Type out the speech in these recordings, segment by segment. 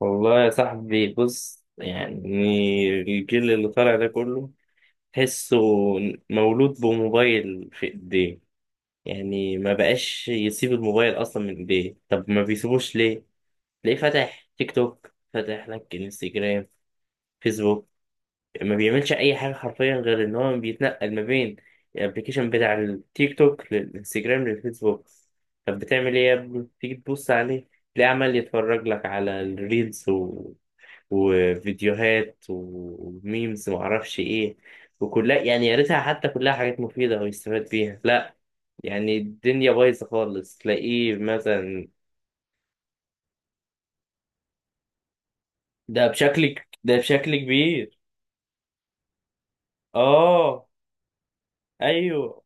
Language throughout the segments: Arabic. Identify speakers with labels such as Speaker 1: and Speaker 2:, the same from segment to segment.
Speaker 1: والله يا صاحبي بص، يعني الجيل اللي طالع ده كله تحسه مولود بموبايل في ايديه. يعني ما بقاش يسيب الموبايل اصلا من ايديه. طب ما بيسيبوش ليه؟ تلاقيه فاتح تيك توك، فاتح لك انستجرام، فيسبوك. ما بيعملش اي حاجه حرفيا غير ان هو بيتنقل ما بين الابليكيشن بتاع التيك توك للانستجرام للفيسبوك. طب بتعمل ايه يا ابني؟ تيجي تبص عليه تلاقيه عمال يتفرج لك على الريلز، وفيديوهات وميمز ومعرفش ايه. وكلها، يعني يا ريتها حتى كلها حاجات مفيدة ويستفاد بيها، لا. يعني الدنيا بايظة خالص، تلاقيه مثلا ده بشكل كبير. اه، ايوه.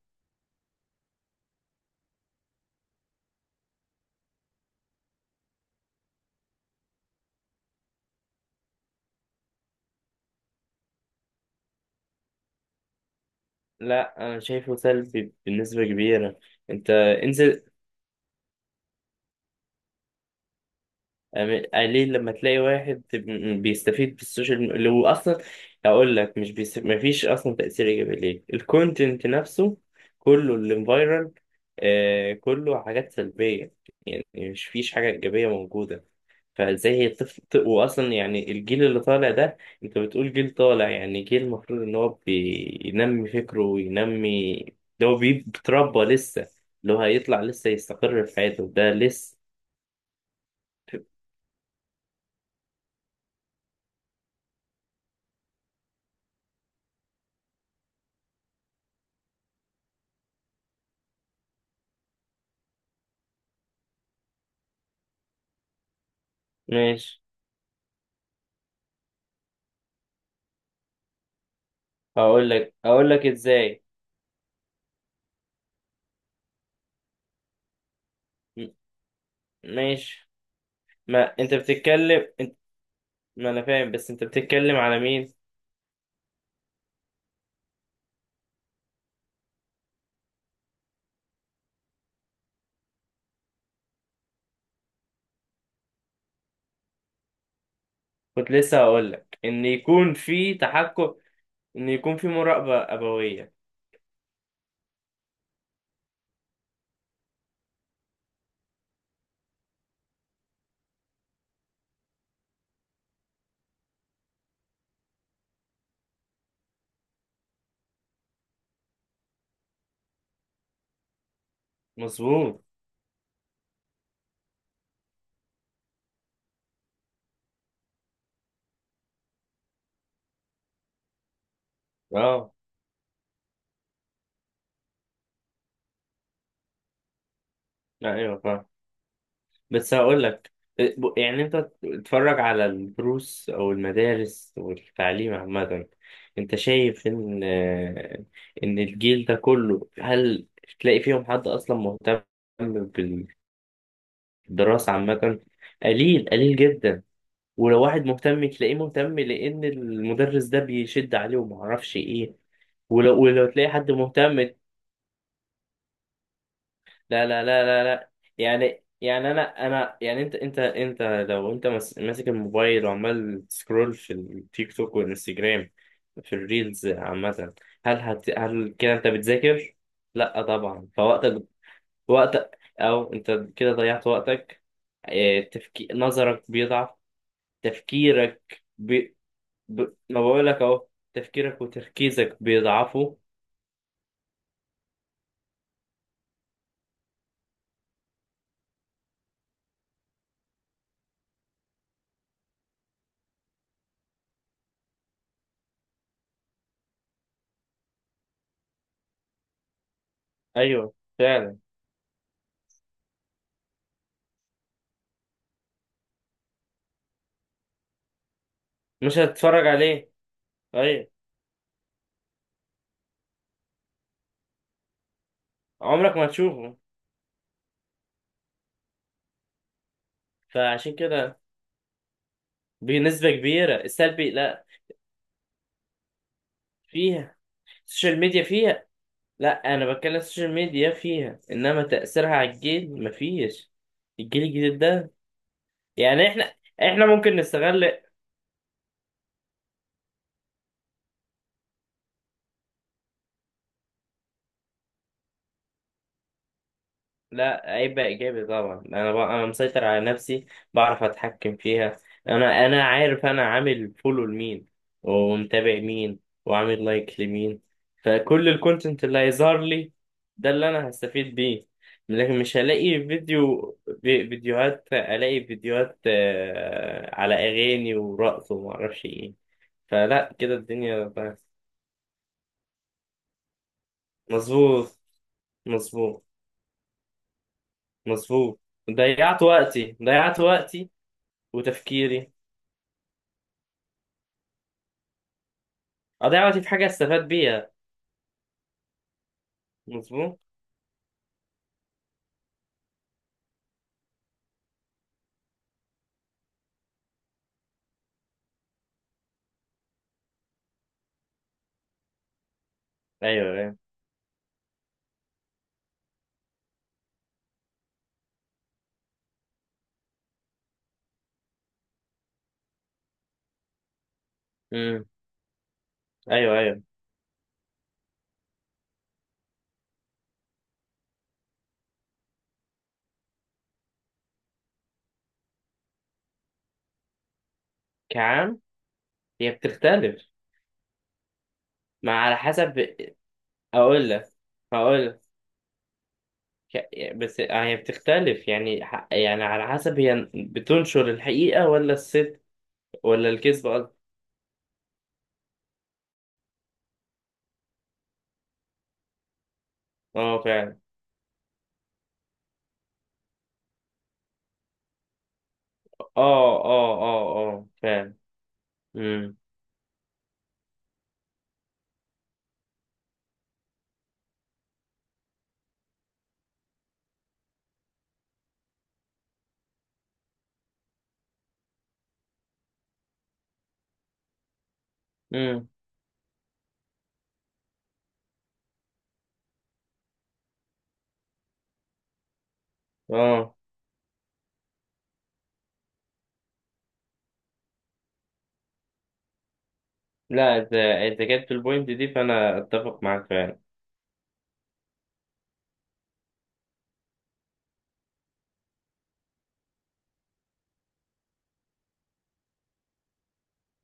Speaker 1: لا، انا شايفه سلبي بالنسبة كبيرة. انت انزل، ليه لما تلاقي واحد بيستفيد بالسوشيال ميديا اللي اصلا، اقول لك مش بيس... مفيش اصلا تاثير ايجابي ليه. الكونتنت نفسه كله اللي فايرال، آه، كله حاجات سلبيه. يعني مش فيش حاجه ايجابيه موجوده. فازاي هي طفل؟ واصلا يعني الجيل اللي طالع ده، انت بتقول جيل طالع، يعني جيل المفروض ان هو بينمي فكره وينمي، بيتربى لسه، اللي هو هيطلع لسه يستقر في حياته، ده لسه. ماشي. هقول لك ازاي. م- ماشي. ما انت بتتكلم انت... ما انا فاهم، بس انت بتتكلم على مين؟ كنت لسه هقول لك ان يكون في تحكم، ان يكون في مراقبة أبوية. مظبوط، اه. لا، ايوه فاهم. بس هقول لك، يعني انت تتفرج على الدروس او المدارس والتعليم عامة، انت شايف ان الجيل ده كله، هل تلاقي فيهم حد اصلا مهتم الدراسة عامة؟ قليل قليل جدا. ولو واحد مهتم تلاقيه مهتم لأن المدرس ده بيشد عليه ومعرفش إيه. ولو تلاقي حد مهتم، لا لا لا لا لا. يعني أنا يعني أنت. لو أنت ماسك الموبايل وعمال تسكرول في التيك توك والإنستجرام، في الريلز عامة، هل كده أنت بتذاكر؟ لا طبعا. فوقتك وقت أو أنت كده ضيعت وقتك. نظرك بيضعف، تفكيرك بي... ب... ما بقول لك اهو، تفكيرك وتركيزك بيضعفوا. ايوه فعلا. مش هتتفرج عليه. ايوه، عمرك ما هتشوفه. فعشان كده، بنسبة كبيرة السلبي، لا فيها، السوشيال ميديا فيها، لا انا بتكلم السوشيال ميديا فيها، انما تأثيرها على الجيل مفيش. الجيل الجديد ده. يعني احنا، احنا ممكن نستغل. لا عيب، إيجابي طبعا. أنا مسيطر على نفسي، بعرف أتحكم فيها. أنا عارف، أنا عامل فولو لمين، ومتابع مين، وعامل لايك لمين. فكل الكونتنت اللي هيظهر لي ده اللي أنا هستفيد بيه. لكن مش هلاقي فيديو، فيديوهات، ألاقي فيديوهات، آه، على أغاني ورقص ومعرفش إيه. فلا، كده الدنيا بقى. مظبوط، مظبوط، مظبوط. ضيعت وقتي، ضيعت وقتي وتفكيري. اضيع وقتي في حاجه استفاد بيها. مظبوط، ايوه ايوه. امم، ايوه ايوه. كعام، هي بتختلف. ما على حسب. اقول لك، هقول لك، بس آه، هي بتختلف، يعني على حسب هي بتنشر الحقيقه ولا الصدق، ولا الكذب قصدي. اه فعلا. اه، اه، اه، اه، فعلا. امم، امم، اه. لا، انت جبت البوينت دي فانا اتفق معاك فعلا.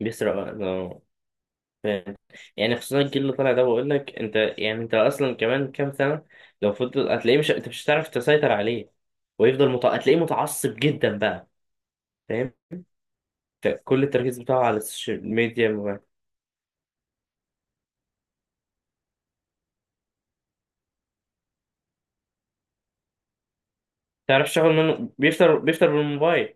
Speaker 1: بيسرق وقت، اه فاهم. يعني خصوصا الجيل اللي طالع ده، بقول لك انت، يعني انت اصلا كمان كام سنه لو فضل، هتلاقيه، مش انت، مش هتعرف تسيطر عليه. ويفضل هتلاقيه متعصب جدا بقى. فاهم. كل التركيز بتاعه على السوشيال ميديا. ما تعرفش شغل منه، بيفطر بالموبايل.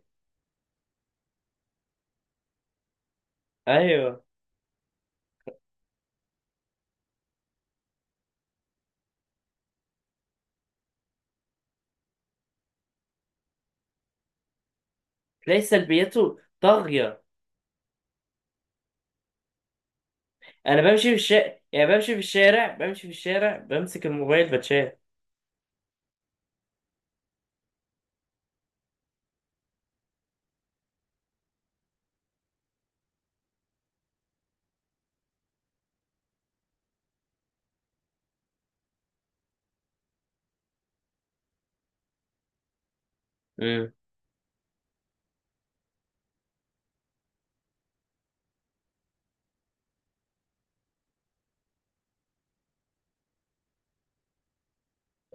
Speaker 1: ايوه. تلاقي سلبياته طاغيه. انا بمشي في الشارع، بمسك الموبايل بتشال. امم،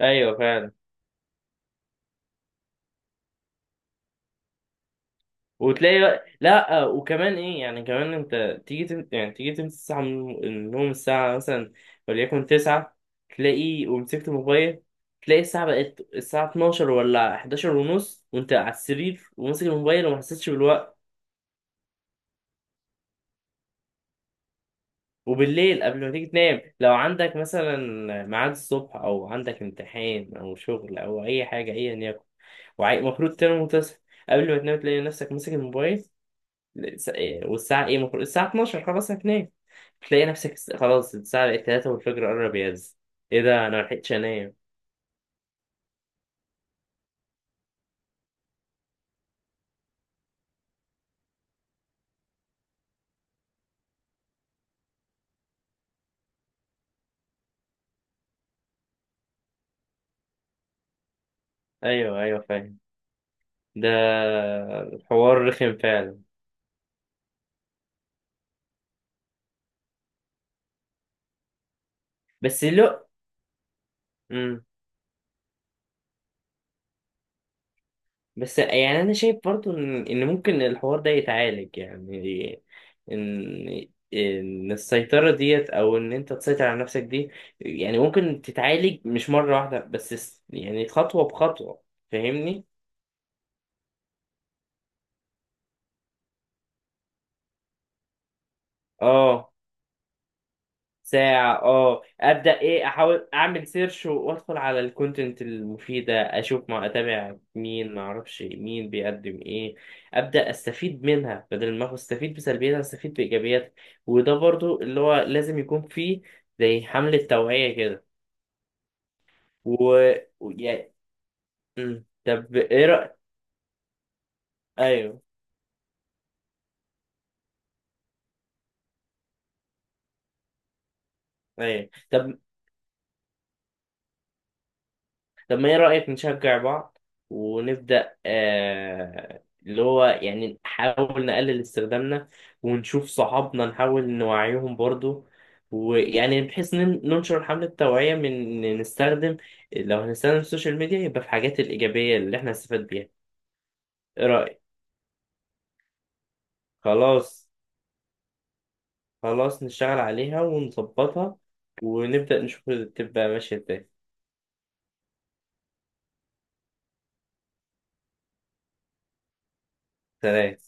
Speaker 1: ايوه فعلا. وتلاقي، لا آه، وكمان ايه يعني، كمان انت تيجي يعني تيجي تمسك الساعه من النوم، الساعه مثلا وليكن 9، تلاقي ومسكت الموبايل، تلاقي الساعه بقت الساعه 12 ولا 11 ونص، وانت على السرير وماسك الموبايل، وما حسيتش بالوقت. وبالليل قبل ما تيجي تنام، لو عندك مثلا ميعاد الصبح، او عندك امتحان او شغل او اي حاجه ايا يكن، ومفروض تنام وتصحى، قبل ما تنام تلاقي نفسك ماسك الموبايل. إيه، والساعة إيه؟ المفروض الساعة 12 خلاص هتنام، تلاقي نفسك خلاص الساعة بقت 3 والفجر قرب يهز. إيه ده؟ أنا ملحقتش أنام. أيوه أيوه فاهم. ده الحوار رخم فعلا. بس لو، مم. بس يعني أنا شايف برضو إن ممكن الحوار ده يتعالج، يعني إن السيطرة ديت، أو إن أنت تسيطر على نفسك دي، يعني ممكن تتعالج، مش مرة واحدة، بس يعني خطوة بخطوة. فاهمني؟ آه، ساعة اه، ابدأ ايه، احاول اعمل سيرش وادخل على الكونتنت المفيدة، اشوف ما اتابع مين، ما اعرفش مين بيقدم ايه. ابدأ استفيد منها، بدل ما استفيد بسلبياتها، استفيد بايجابياتها. وده برضو اللي هو لازم يكون فيه، زي حملة توعية كده. و... و... يا... مم، طب ايه رأيك؟ ايوه ايوه. طب، ما ايه رأيك نشجع بعض، ونبدأ آه اللي هو يعني نحاول نقلل استخدامنا، ونشوف صحابنا نحاول نوعيهم برضو، ويعني بحيث إن ننشر حملة توعية، من إن نستخدم، لو هنستخدم السوشيال ميديا، يبقى في الحاجات الإيجابية اللي احنا هنستفاد بيها. ايه رأيك؟ خلاص. خلاص نشتغل عليها ونظبطها، ونبدأ نشوف تبقى ماشية ازاي. سلام.